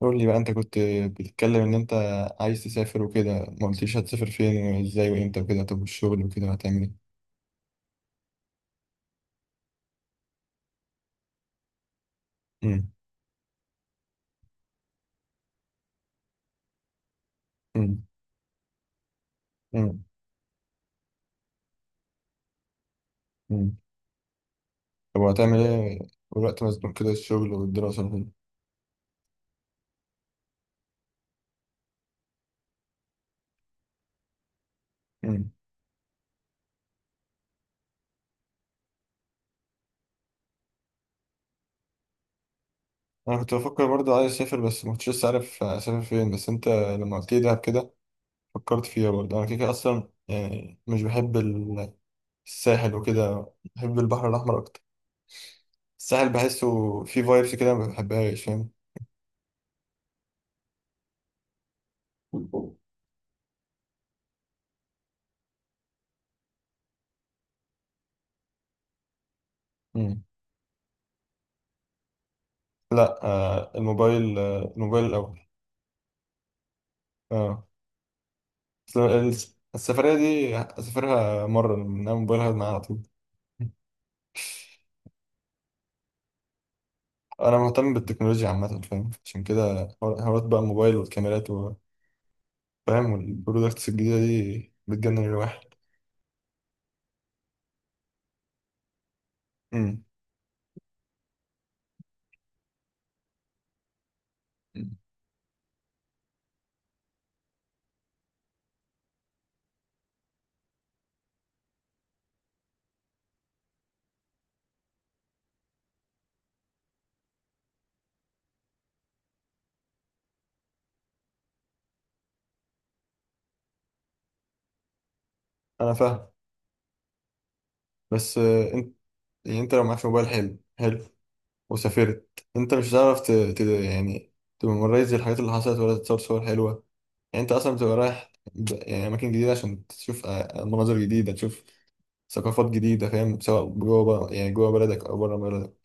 قول لي بقى، انت كنت بتتكلم ان انت عايز تسافر وكده. ما قلتليش هتسافر فين وازاي وامتى وكده؟ طب والشغل وكده هتعمل ايه؟ امم. امم. امم. امم. طب وهتعمل ايه؟ والوقت مزنوق كده، الشغل والدراسة وكده. امم. انا كنت بفكر برضه عايز اسافر، بس ما كنتش لسه عارف اسافر فين. بس انت لما قلت لي دهب كده فكرت فيها. برضه انا كده كده اصلا يعني مش بحب الساحل وكده، بحب البحر الاحمر اكتر. الساحل بحسه فيه فايبس كده ما بحبهاش. فاهم؟ لا. الموبايل الأول. اه. أصل السفرية دي أسافرها مرة، إنما موبايلها معايا على طول. أنا مهتم بالتكنولوجيا عامة، فاهم؟ عشان كده حوارات بقى الموبايل والكاميرات فاهم، والبرودكتس الجديدة دي بتجنن الواحد. أمم. أنا فاهم. بس أنت لو معكش موبايل حلو حلو وسافرت، أنت مش هتعرف يعني تممرايز الحاجات اللي حصلت، ولا تتصور صور حلوة. يعني انت اصلا بتبقى رايح يعني اماكن جديده عشان تشوف مناظر جديده، تشوف ثقافات جديده، فاهم؟ سواء جوه بقى يعني جوه بلدك او بره بلدك.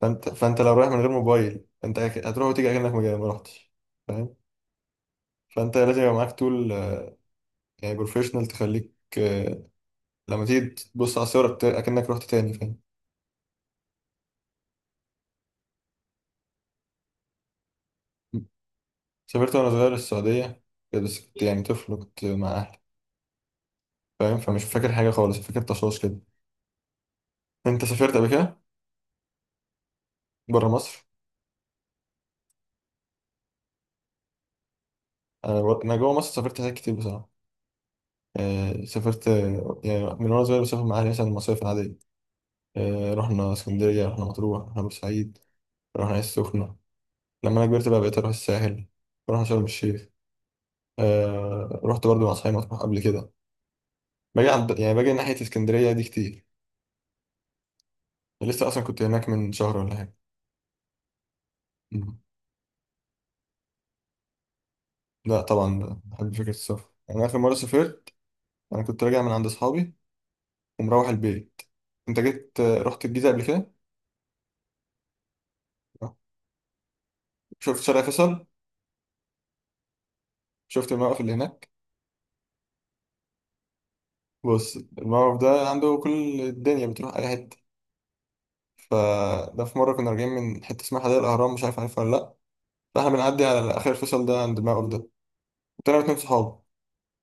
فانت لو رايح من غير موبايل انت هتروح وتيجي اكنك ما رحتش. فاهم؟ فانت لازم يبقى معاك تول، يعني بروفيشنال تخليك، لما تيجي تبص على الصور اكنك رحت تاني، فاهم؟ سافرت وانا صغير السعوديه كده، بس كنت يعني طفل وكنت مع اهلي. فاهم؟ فمش فاكر حاجه خالص، فاكر تشاش كده. انت سافرت قبل كده بره مصر؟ انا جوه مصر سافرت حاجات كتير بصراحه. سافرت، يعني من وأنا صغير بسافر مع أهلي مثلا المصايف العادية. رحنا اسكندرية، رحنا مطروح، رحنا بورسعيد، رحنا العين السخنة. لما أنا كبرت بقى بقيت أروح الساحل، رحنا شرم الشيخ. رحت برضو مع أصحابي مطروح قبل كده. باجي عند يعني باجي ناحية اسكندرية دي كتير. لسه أصلا كنت هناك من شهر ولا حاجة. مم. لا طبعا بحب فكرة السفر. أنا آخر مرة سافرت أنا كنت راجع من عند أصحابي ومروح البيت. أنت جيت، رحت الجيزة قبل كده؟ آه. شفت شارع فيصل؟ شفت الموقف اللي هناك؟ بص، الموقف ده عنده كل الدنيا بتروح اي حته. فده في مره كنا راجعين من حته اسمها حدائق الاهرام، مش عارف، عارفها ولا لا؟ فاحنا بنعدي على اخر الفصل ده عند الموقف ده. طلعنا اتنين صحاب،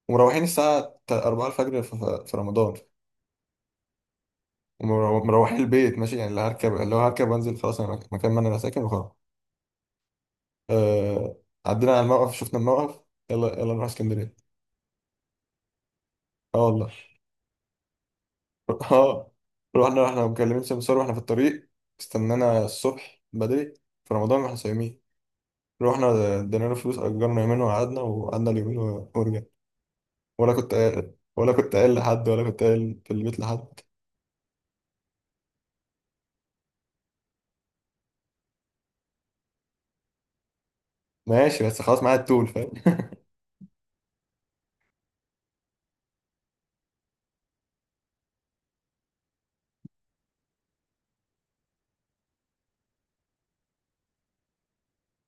ومروحين الساعه 4 الفجر في رمضان. ومروحين البيت ماشي، يعني اللي هركب اللي هو هركب وانزل خلاص انا مكان ما انا ساكن وخلاص. آه... عدينا على الموقف، شفنا الموقف. يلا يلا نروح اسكندريه. اه والله. اه. رحنا مكلمين سمسار واحنا في الطريق. استنانا الصبح بدري، في رمضان واحنا صايمين. رحنا ادينا له فلوس، اجرنا يومين، وقعدنا اليومين و- ورجعنا. ولا كنت قايل، ولا كنت قايل لحد، ولا كنت قايل في البيت لحد. ماشي، بس خلاص معايا التول، فاهم؟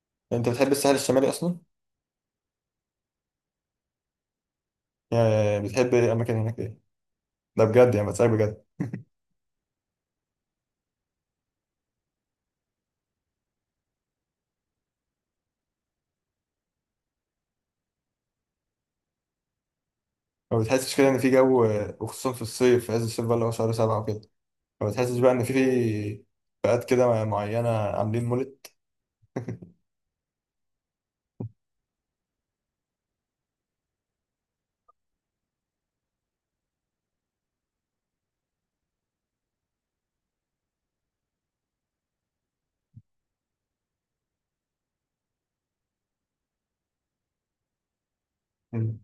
انت بتحب الساحل الشمالي اصلا؟ يعني بتحب ايه اماكن هناك؟ ايه؟ ده بجد، يعني بتسألك بجد. ما بتحسش كده ان في جو، وخصوصا في الصيف في عز الصيف بقى اللي هو شهر سبعة وكده، ما بتحسش بقى ان في فئات كده معينة عاملين مولد؟ مم.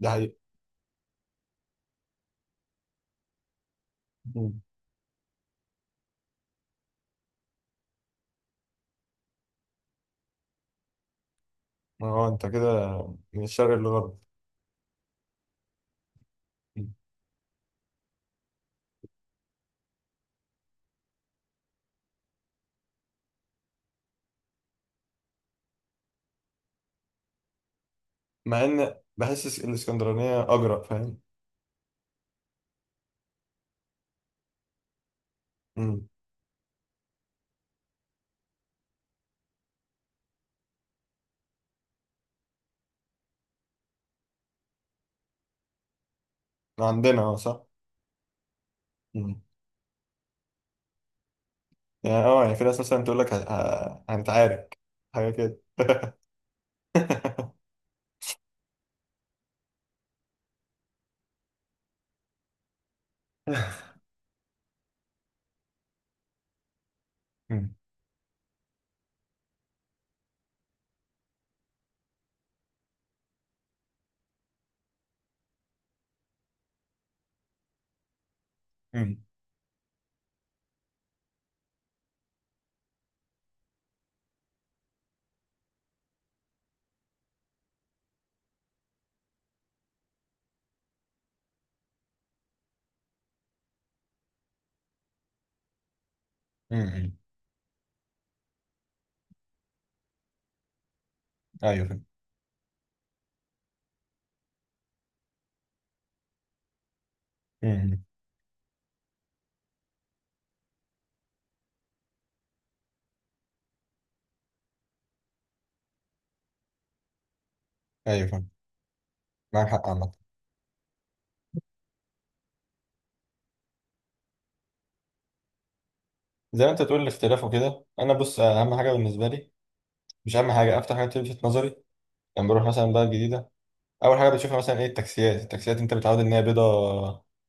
ده حقيقي. مم. اه، انت كده من الشرق للغرب. مم. مع ان بحس الاسكندرانية اجرأ، فاهم؟ مم. عندنا اه صح. مم. يعني يعني في ناس مثلا تقول لك هنتعارك، حاجة كده. مم. مم. مم. ايوه، فاهم. مم. ايوه، فاهم. معاك حق عامة. زي ما انت تقول الاختلاف وكده. انا بص، اهم حاجة بالنسبة لي، مش اهم حاجة، اكتر حاجة بتلفت نظري، لما بروح مثلا بلد جديدة، اول حاجة بتشوفها مثلا ايه؟ التاكسيات. التاكسيات انت متعود ان هي بيضة،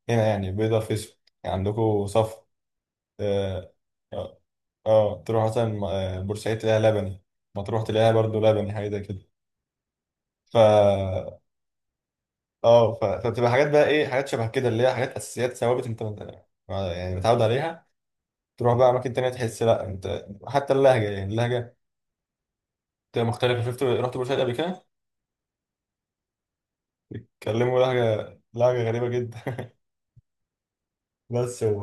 هنا يعني بيضة في اسود. يعني عندكم صف. اه. اه. تروح مثلا بورسعيد تلاقيها لبني. مطروح تلاقيها برضو لبني، حاجه زي كده. ف فبتبقى حاجات بقى، ايه، حاجات شبه كده، اللي هي حاجات اساسيات ثوابت انت يعني متعود عليها. تروح بقى اماكن تانية تحس لا، انت حتى اللهجه بتبقى مختلفه. شفت، رحت بورسعيد قبل كده؟ كلموا لهجه غريبه جدا. بس و...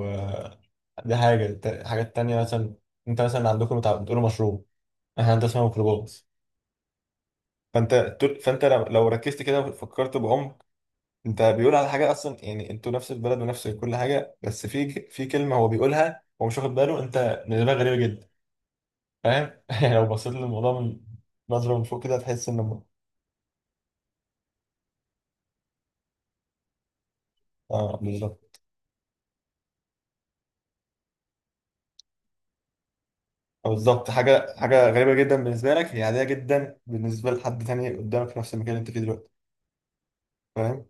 دي حاجات تانية مثلا. انت مثلا عندكم بتقولوا مشروب. احنا عندنا اسمها ميكروباص. فانت فانت لو ركزت كده وفكرت بعمق، انت بيقول على حاجه اصلا، يعني انتوا نفس البلد ونفس كل حاجه، بس في كلمه هو بيقولها، هو مش واخد باله انت بالنسبه لك غريبه جدا. فاهم؟ يعني لو بصيت للموضوع من نظره من فوق كده، هتحس ان اه بالظبط. بالظبط. حاجه غريبه جدا بالنسبه لك، هي عاديه جدا بالنسبه لحد تاني قدامك في نفس المكان اللي انت فيه دلوقتي. فاهم.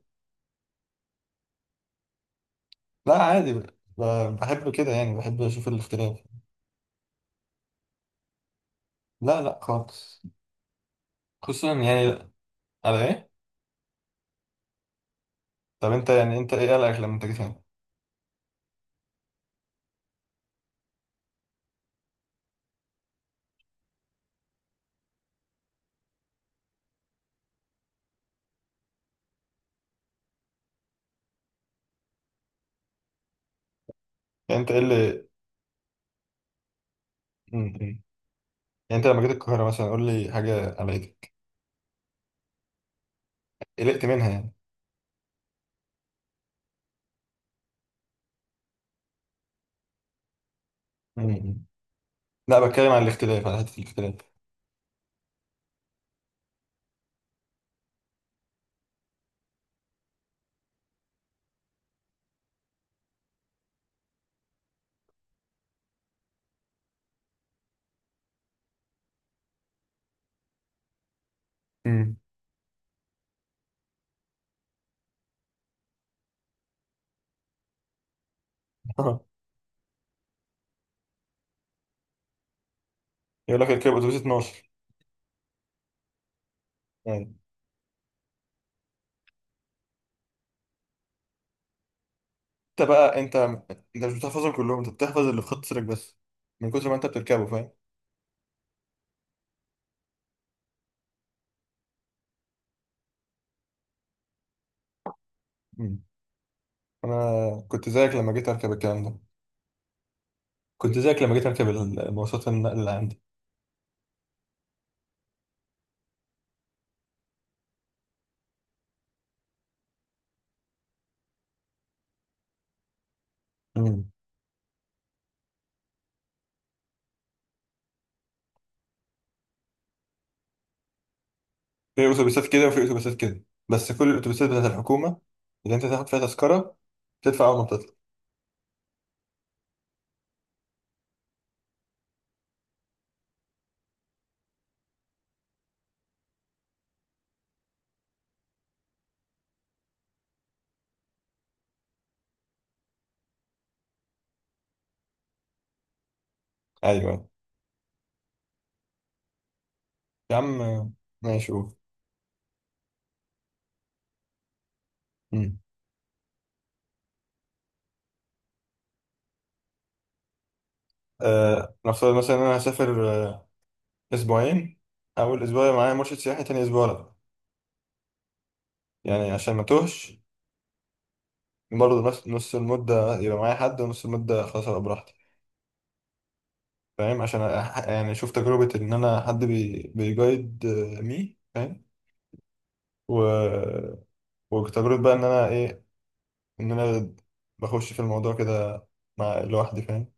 لا عادي، بحب كده، يعني بحب اشوف الاختلاف. لا لا خالص. خصوصا يعني. على ايه؟ طب انت ايه قلقك لما انت جيت هنا؟ يعني انت ايه اللي... م- م. يعني، انت لما جيت القاهرة مثلا، قول لي حاجة قلقتك، قلقت منها يعني. م- م. لا، بتكلم عن الاختلاف، على حتة الاختلاف. م. يقول لك الكلاب، اتوبيس 12. يعني انت بقى انت انت مش بتحفظهم كلهم، انت بتحفظ اللي في خط سيرك بس، من كتر ما انت بتركبه، فاهم؟ م. انا كنت زيك لما جيت اركب الكلام ده. كنت زيك لما جيت اركب المواصلات النقل اللي عندي. م. في اتوبيسات كده وفي اتوبيسات كده. بس كل الاتوبيسات بتاعت الحكومة اللي انت تاخد فيها تذكرة، تدفع اول ما بتطلع. ايوه. يا عم، ماشي قول. مم. نفترض مثلا إن أنا هسافر أسبوعين. أول أسبوع يبقى معايا مرشد سياحي، تاني أسبوع لأ. يعني عشان ما توهش. برضه نص نص المدة يبقى معايا حد، ونص المدة خلاص أبقى براحتي. فاهم؟ عشان يعني أشوف تجربة إن أنا حد بيجايد مي، فاهم. و... وتجربة بقى إن أنا إيه؟ إن أنا بخش في الموضوع كده، مع لوحدي، فاهم.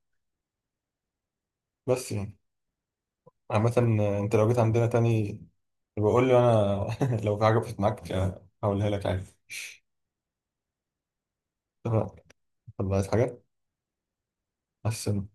بس يعني، عامة. أنت لو جيت عندنا تاني، بقول له انا لو في حاجه وقفت معاك هقولها لك عادي. اتفقنا. طب عايز حاجه؟ حسن.